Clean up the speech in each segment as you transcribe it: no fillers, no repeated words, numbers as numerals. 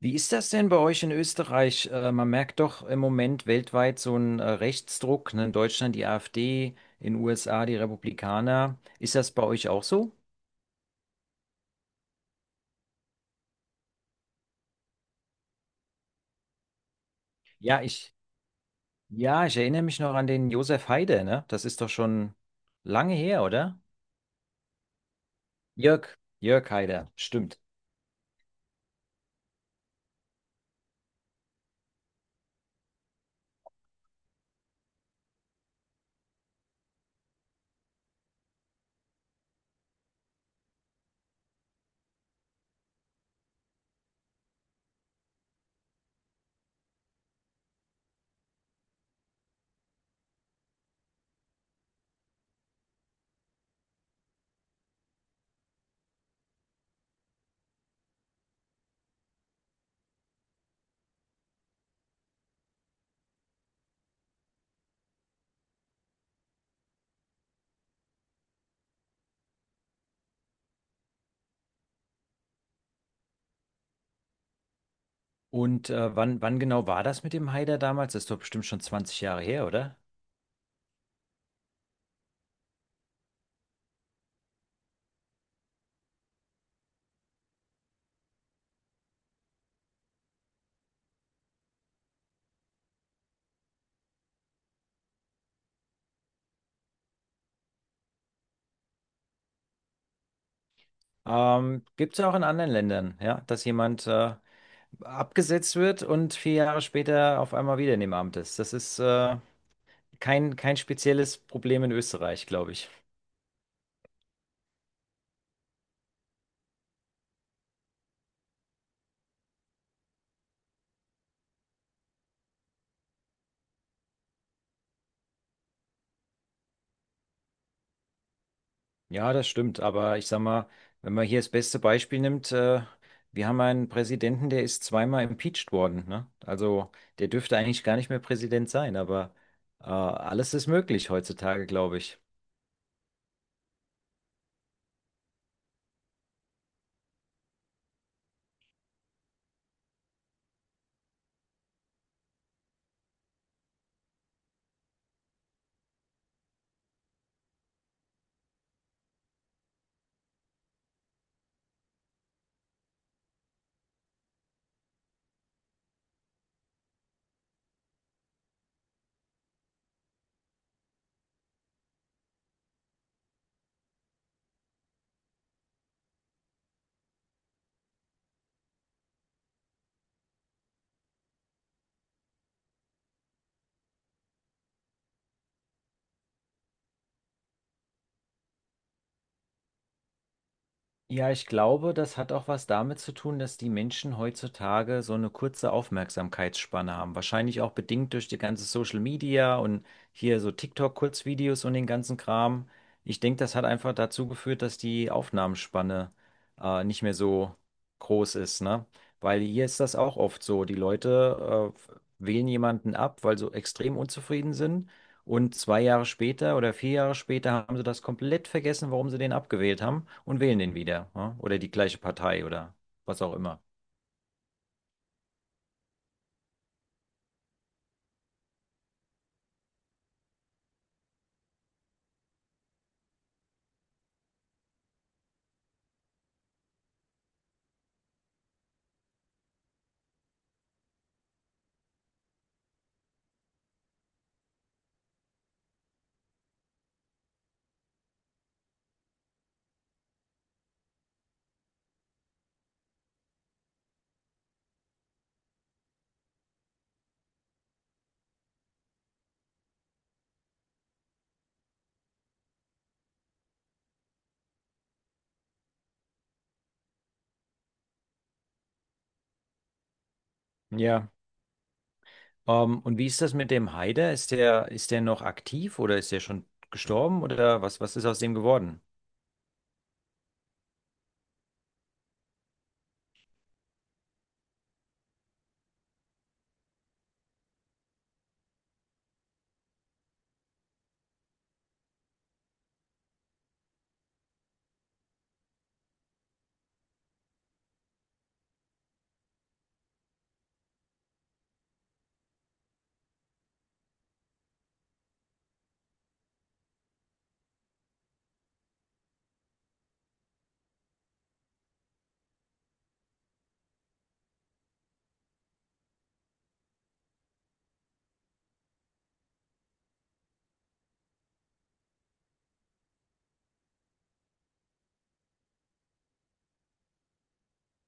Wie ist das denn bei euch in Österreich? Man merkt doch im Moment weltweit so einen Rechtsdruck, ne? In Deutschland die AfD, in den USA die Republikaner. Ist das bei euch auch so? Ja, ich, ja, ich erinnere mich noch an den Josef Haider, ne? Das ist doch schon lange her, oder? Jörg Haider, stimmt. Und wann genau war das mit dem Haider damals? Das ist doch bestimmt schon 20 Jahre her, oder? Gibt es auch in anderen Ländern, ja, dass jemand abgesetzt wird und vier Jahre später auf einmal wieder in dem Amt ist. Das ist kein spezielles Problem in Österreich, glaube ich. Ja, das stimmt. Aber ich sag mal, wenn man hier das beste Beispiel nimmt, wir haben einen Präsidenten, der ist zweimal impeached worden, ne? Also der dürfte eigentlich gar nicht mehr Präsident sein, aber alles ist möglich heutzutage, glaube ich. Ja, ich glaube, das hat auch was damit zu tun, dass die Menschen heutzutage so eine kurze Aufmerksamkeitsspanne haben. Wahrscheinlich auch bedingt durch die ganze Social Media und hier so TikTok-Kurzvideos und den ganzen Kram. Ich denke, das hat einfach dazu geführt, dass die Aufnahmenspanne nicht mehr so groß ist, ne? Weil hier ist das auch oft so. Die Leute wählen jemanden ab, weil sie extrem unzufrieden sind. Und zwei Jahre später oder vier Jahre später haben sie das komplett vergessen, warum sie den abgewählt haben und wählen den wieder. Ja? Oder die gleiche Partei oder was auch immer. Ja. Und wie ist das mit dem Haider? Ist der noch aktiv oder ist der schon gestorben oder was ist aus dem geworden?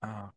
Ah,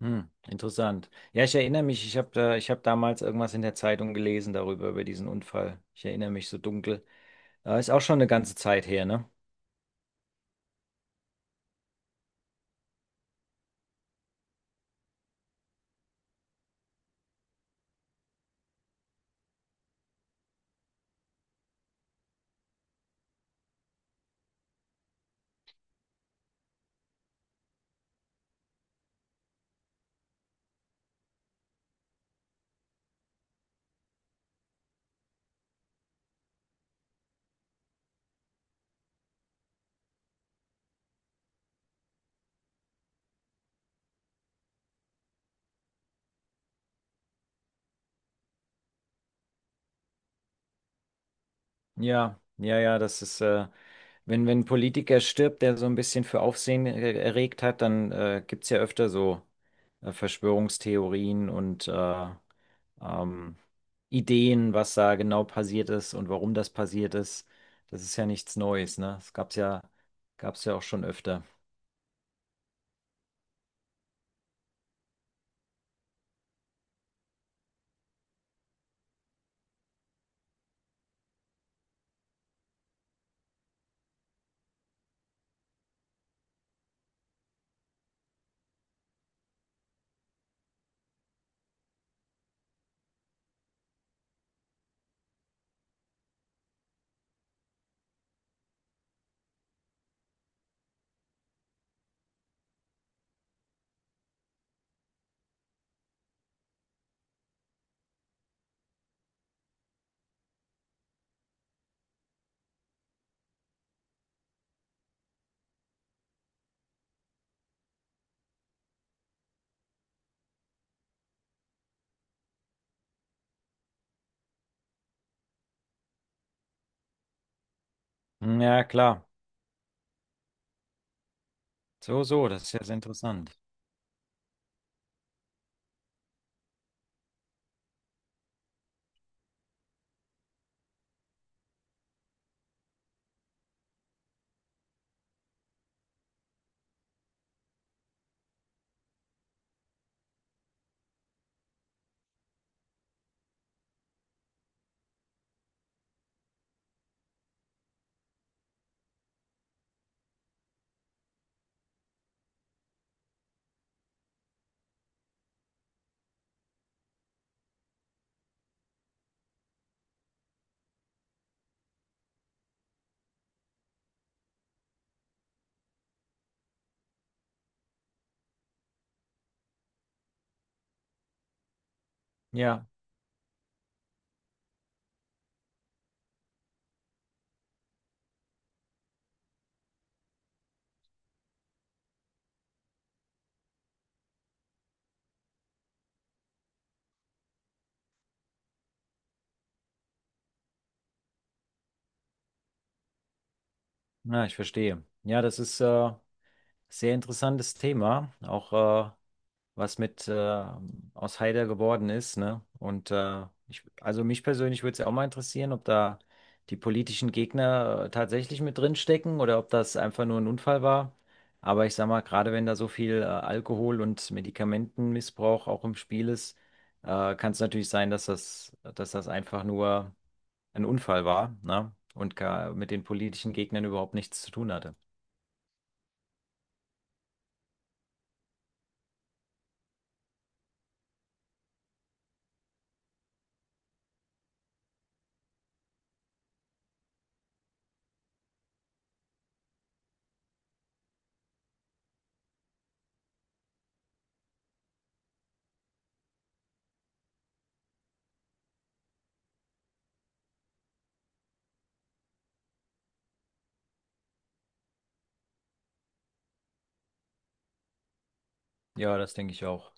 hm, interessant. Ja, ich erinnere mich, ich habe damals irgendwas in der Zeitung gelesen darüber, über diesen Unfall. Ich erinnere mich so dunkel. Ist auch schon eine ganze Zeit her, ne? Ja, ja, ja, wenn ein Politiker stirbt, der so ein bisschen für Aufsehen erregt hat, dann gibt es ja öfter so Verschwörungstheorien und ähm, Ideen, was da genau passiert ist und warum das passiert ist. Das ist ja nichts Neues, ne? Gab's ja auch schon öfter. Hm, ja, klar. Das ist ja sehr interessant. Ja, na, ich verstehe. Ja, das ist sehr interessantes Thema. Auch was mit aus Haider geworden ist, ne? Und also mich persönlich würde es ja auch mal interessieren, ob da die politischen Gegner tatsächlich mit drin stecken oder ob das einfach nur ein Unfall war. Aber ich sag mal, gerade wenn da so viel Alkohol und Medikamentenmissbrauch auch im Spiel ist, kann es natürlich sein, dass das einfach nur ein Unfall war, ne? Und gar mit den politischen Gegnern überhaupt nichts zu tun hatte. Ja, das denke ich auch.